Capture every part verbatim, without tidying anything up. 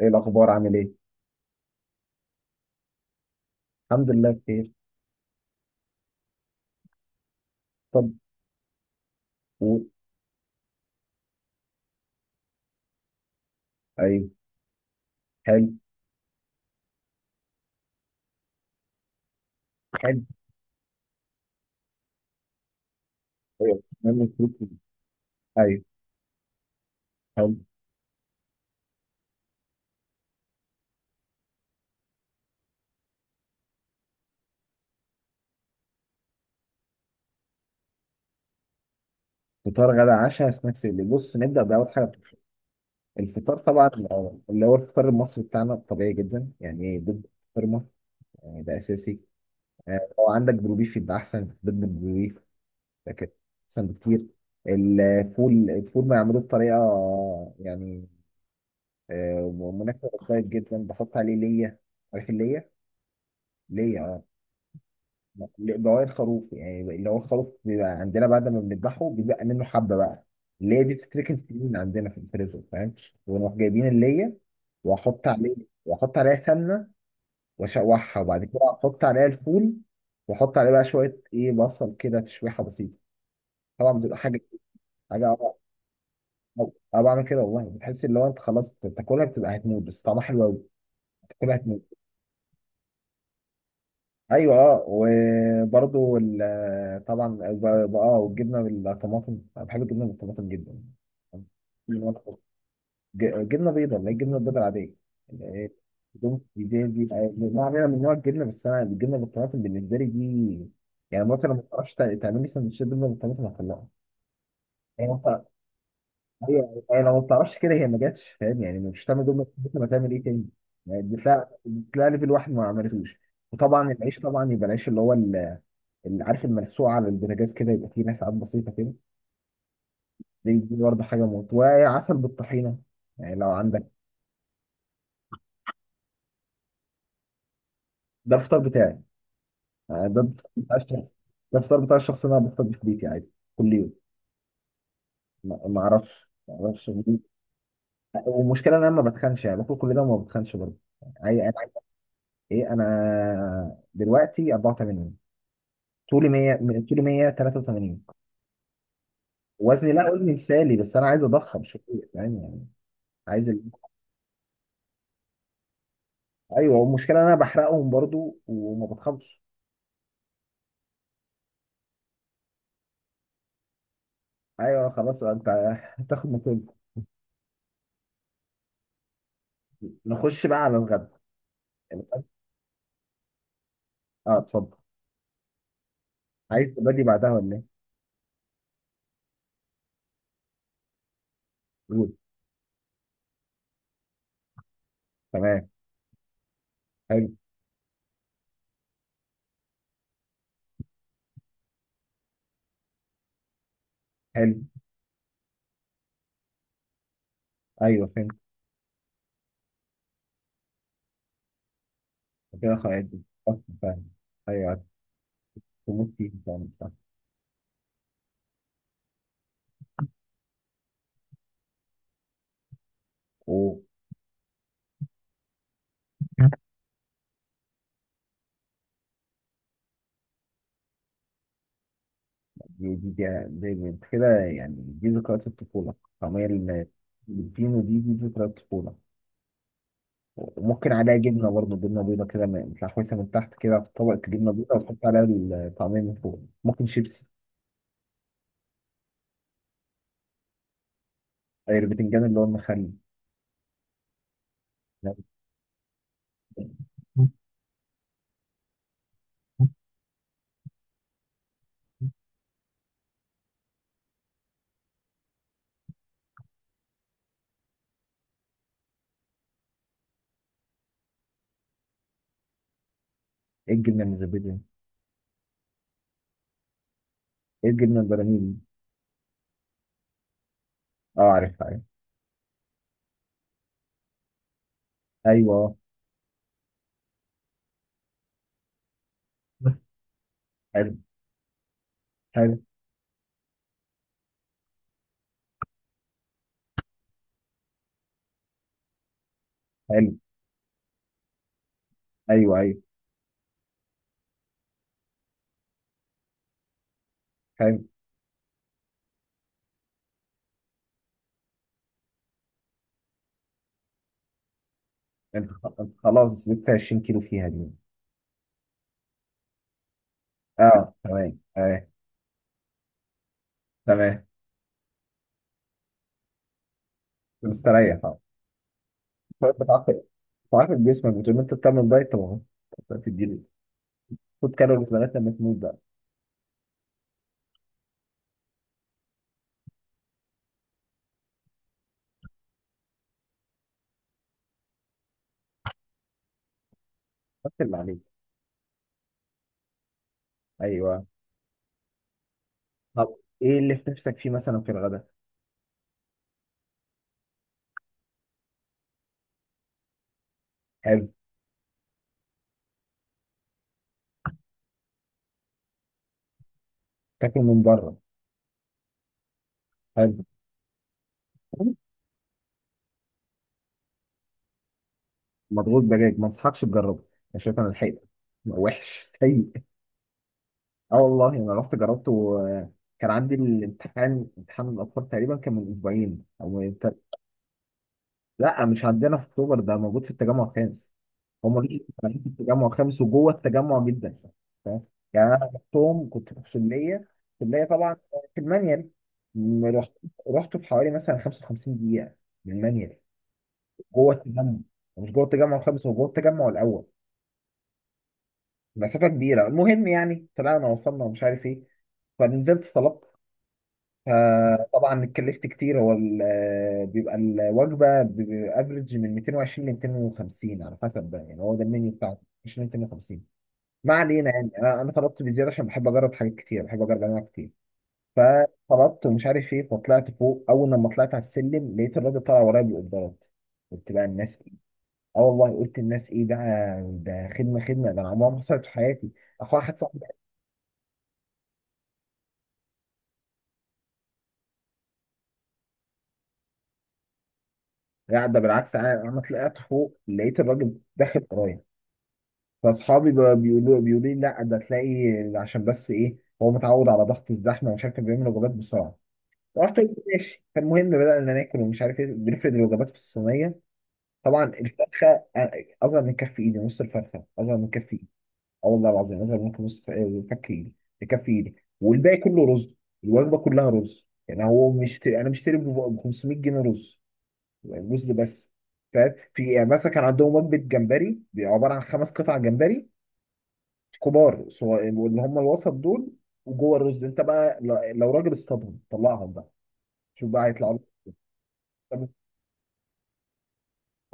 ايه الاخبار؟ عامل ايه؟ الحمد لله بخير. طب قول. ايوه. حلو. حلو. ايوه بتتمنى تروح فين؟ ايوه. حلو. فطار، غدا، عشاء، سناكس. اللي بص، نبدا باول حاجه. الفطار طبعا الأول، اللي هو الفطار المصري بتاعنا طبيعي جدا، يعني ايه، بيض بسطرمه، يعني ده اساسي. آه، لو عندك بروبيف يبقى احسن، بيض بالبروبيف ده كده احسن بكتير. الفول الفول بيعملوه بطريقه يعني آه، مناسبة للدايت جدا، بحط عليه ليا. عارف الليا؟ ليا بواقي الخروف، يعني اللي هو الخروف بيبقى عندنا بعد ما بنذبحه بيبقى منه حبه بقى اللي هي دي، بتتركن في من عندنا في الفريزر، فاهم. ونروح جايبين اللي هي، واحط عليه، واحط عليها سمنه، واشوحها، وبعد كده احط عليها الفول، واحط عليه بقى شويه ايه، بصل كده تشويحه بسيطه. طبعا بتبقى حاجه، حاجه اه آه، آه، بعمل كده والله، بتحس اللي هو انت خلاص بتاكلها بتبقى هتموت، بس طعمها حلو قوي. بتاكلها هتموت. ايوه اه وبرضو ال- طبعا ب- ب- اه والجبنه بالطماطم، انا بحب الجبنه بالطماطم جدا. ج- جبنه بيضاء، اللي هي الجبنه البيضاء العاديه، اللي هي بدون- دي دي دي نوع من من نوع الجبنه. بس انا الجبنه بالطماطم بالنسبه لي دي، يعني مراتي لو ما بتعرفش تع- تعمل لي سندوتشات جبنه بالطماطم هطلعها. هي ما بتع- هي- هي لو ما بتعرفش كده هي ما جاتش، فاهم يعني؟ مش هتعمل جبنه بالطماطم، هتعمل ايه تاني؟ يعني دي تلاقي دي تلاقي ليفل واحد ما عملتوش. وطبعا العيش، طبعا يبقى العيش اللي هو اللي عارف الملسوعه على البوتاجاز كده يبقى فيه نسعات بسيطه كده، دي دي برضه حاجه موت، وعسل بالطحينه يعني لو عندك. ده الفطار بتاعي، يعني ده الفطار بتاع الشخص، ده الفطار بتاع الشخص اللي انا بفطر بيه في بيتي عادي كل يوم. ما ما اعرفش ما اعرفش. والمشكله ان انا ما بتخنش، يعني باكل كل ده وما بتخنش برضه. عاي- انا عايز. ايه، انا دلوقتي أربعة وثمانين، طولي مية، طولي مية وثلاثة وثمانين. وزني، لا وزني مثالي، بس انا عايز اضخم شويه، فاهم يعني؟ عايز ال... ايوه والمشكله إن انا بحرقهم برضو وما بتخنش. ايوه خلاص، انت هتاخد مكان. نخش بقى على الغدا. الغدا- اه اتفضل. عايز تبادي بعدها ولا ايه؟ قول. تمام. حلو. حلو. ايوه فهمت. كده خلاص. صح، فاهم. ايوه تموت فيه، فاهم، صح. أوه، دي دي دي, دي, دي انت كده، يعني دي ذكريات الطفوله. طعميه ال- الفينو، دي دي ذكريات الطفوله. وممكن عليها جبنه برضه، جبنه بيضه كده، م- متلحوسه من تحت كده، في طبق جبنه بيضه وتحط عليها الطعميه من فوق، ممكن شيبسي. أي، البتنجان اللي هو المخلي. ايه الجبنه المزبده؟ ايه الجبنه البراميل؟ اه عارفها، عارف. ايوه. حلو. حلو. حلو. ايوه. ايوه. حلو. انت خ- انت خلاص زدت عشرين كيلو فيها دي. اه تمام، اه تمام. مستريح اه طيب، بتعرف، بتعرف جسمك بتقول انت بتعمل دايت طبعا، تديله. خد كالوريز لغايه لما تموت بقى. بس اللي عليك. ايوه. طب ايه اللي في نفسك فيه مثلا في الغداء؟ حلو. تاكل من بره. حلو. مضغوط دجاج؟ ما انصحكش تجربه، انا شايف انا لحقت. وحش، سيء. اه والله انا رحت جربته و كان عندي الامتحان، امتحان الاطفال تقريبا، كان من اسبوعين او تل- لا مش عندنا في اكتوبر، ده موجود في التجمع الخامس. هم ليه شغالين في التجمع الخامس وجوه التجمع جدا؟ فاهم يعني؟ انا رحتهم كنت في الكليه، الكليه طبعا في المانيال. م- رحت رحت في حوالي مثلا خمسة وخمسين دقيقه من المانيال جوه التجمع، مش جوه التجمع الخامس، هو جوه التجمع الاول، مسافه كبيره. المهم يعني طلعنا وصلنا ومش عارف ايه، فنزلت طلبت. فطبعا اتكلفت كتير، هو ال- آه، بيبقى الوجبه بافريج من ميتين وعشرين ل ميتين وخمسين على حسب بقى، يعني هو ده المنيو بتاعه، عشرين ميتين وخمسين. ما علينا يعني، انا أنا طلبت بزياده عشان بحب اجرب حاجات كتير، بحب اجرب انواع كتير. فطلبت ومش عارف ايه، فطلعت فوق، اول لما طلعت على السلم لقيت الراجل طالع ورايا بالقدرات. قلت بقى الناس ايه؟ اه والله قلت الناس ايه ده؟ ده خدمه، خدمه ده انا عمرها ما حصلت في حياتي. اخويا، واحد صاحبي، لا ده بالعكس، انا انا طلعت فوق لقيت الراجل داخل ورايا. فاصحابي بقى بيقولوا بيقولوا لي لا ده تلاقي عشان بس ايه، هو متعود على ضغط الزحمه ومش عارف، كان بيعمل وجبات بسرعه. رحت قلت ماشي. فالمهم بدأنا ناكل ومش عارف ايه، بنفرد الوجبات في الصينيه. طبعا الفرخه أ- اصغر من كف ايدي، نص الفرخه اصغر من كف ايدي. اه والله العظيم اصغر من نص ف- فك ايدي كف ايدي. والباقي كله رز، الوجبه كلها رز. يعني هو مش انا مشتري ب خمسمية جنيه رز، يعني رز بس، فاهم؟ في يعني مثلا كان عندهم وجبه جمبري، عباره عن خمس قطع جمبري كبار، سو- واللي هم الوسط دول، وجوه الرز انت بقى، ل- لو راجل اصطادهم طلعهم بقى، شوف بقى هيطلعوا لك. طب،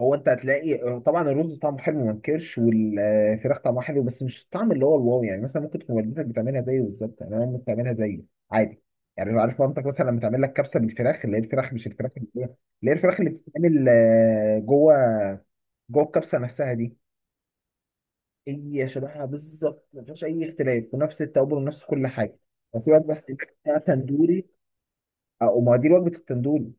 هو انت هتلاقي آه، طبعا الرز طعمه حلو، ما انكرش، والفراخ طعمها حلو، بس مش الطعم اللي هو الواو. يعني مثلا ممكن تكون والدتك بتعملها زيه بالظبط، يعني انا ممكن بتعملها زيه عادي. يعني لو عارف مامتك مثلا لما تعمل لك كبسه بالفراخ، اللي هي الفراخ، مش الفراخ اللي هي، اللي هي الفراخ اللي بتتعمل آه، جوه، جوه الكبسه نفسها دي، هي شبهها بالظبط، ما فيهاش اي اختلاف، ونفس التوابل ونفس كل حاجه. وفي واحد بس بتاع تندوري، اه وما دي وجبه التندول،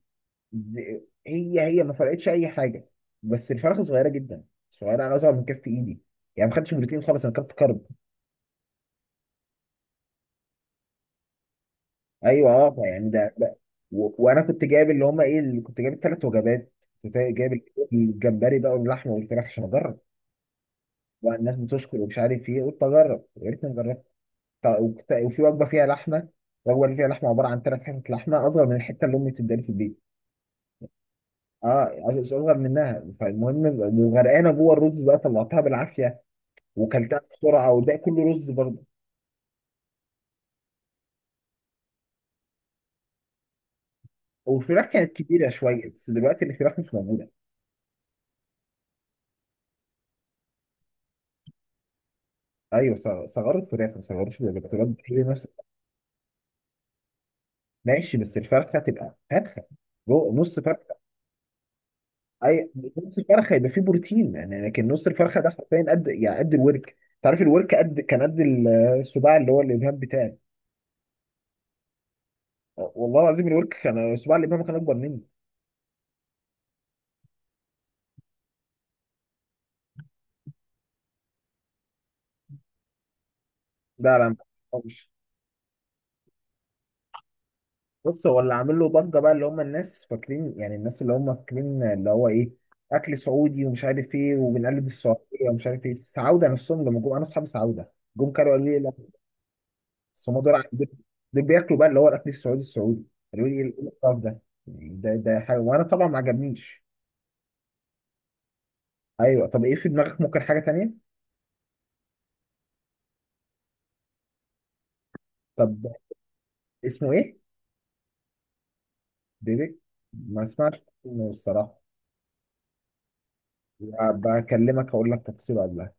دي- هي هي ما فرقتش اي حاجه، بس الفرخه صغيره جدا، صغيره انا اصغر من كف ايدي، يعني ما خدتش بروتين خالص، انا كنت كارب. ايوه اه يعني ده ده. و... وانا كنت جايب اللي هم ايه، اللي كنت جايب الثلاث وجبات، كنت جايب الجمبري بقى واللحمه والفراخ عشان اجرب. والناس بتشكر ومش عارف ايه، قلت اجرب، يا ريتني جربت. طيب، وكت- وفي وجبه فيها لحمه، الوجبه اللي فيها لحمه عباره عن ثلاث حتت لحمه اصغر من الحته اللي امي بتداني في البيت. اه عايز اصغر منها. فالمهم وغرقانه جوه الرز بقى، طلعتها بالعافيه وكلتها بسرعه وده كله رز برضه. والفراخ كانت كبيره شويه بس دلوقتي الفراخ مش موجوده. ايوه ص- صغروا الفراخ، ما صغروش البكتيريات بتحل نفس. ماشي، بس الفرخه تبقى فرخه، جو- نص فرخه. اي، نص فرخه يبقى فيه بروتين يعني. لكن نص الفرخه ده حرفيا قد، يعني قد الورك. تعرف الورك قد، كان قد السباع، اللي هو الابهام بتاعي. والله العظيم الورك كان سباع، الابهام كان اكبر مني. لا لا. بص، هو اللي عامل له ضجه بقى اللي هم الناس فاكرين، يعني الناس اللي هم فاكرين اللي هو ايه، اكل سعودي ومش عارف ايه وبنقلد السعوديه ومش عارف ايه. السعوده نفسهم لما جم، انا اصحاب السعوده جم كانوا قالوا لي لا، بس هم دول، ع- دول دول بياكلوا بقى اللي هو الاكل السعودي السعودي، قالوا لي ايه إيه القرف ده، يعني ده ده حاجه وانا طبعا ما عجبنيش. ايوه. طب ايه في دماغك؟ ممكن حاجه تانية. طب اسمه ايه؟ بيبي؟ ما اسمعش اسمه الصراحه. بكلمك هقول لك تفصيله.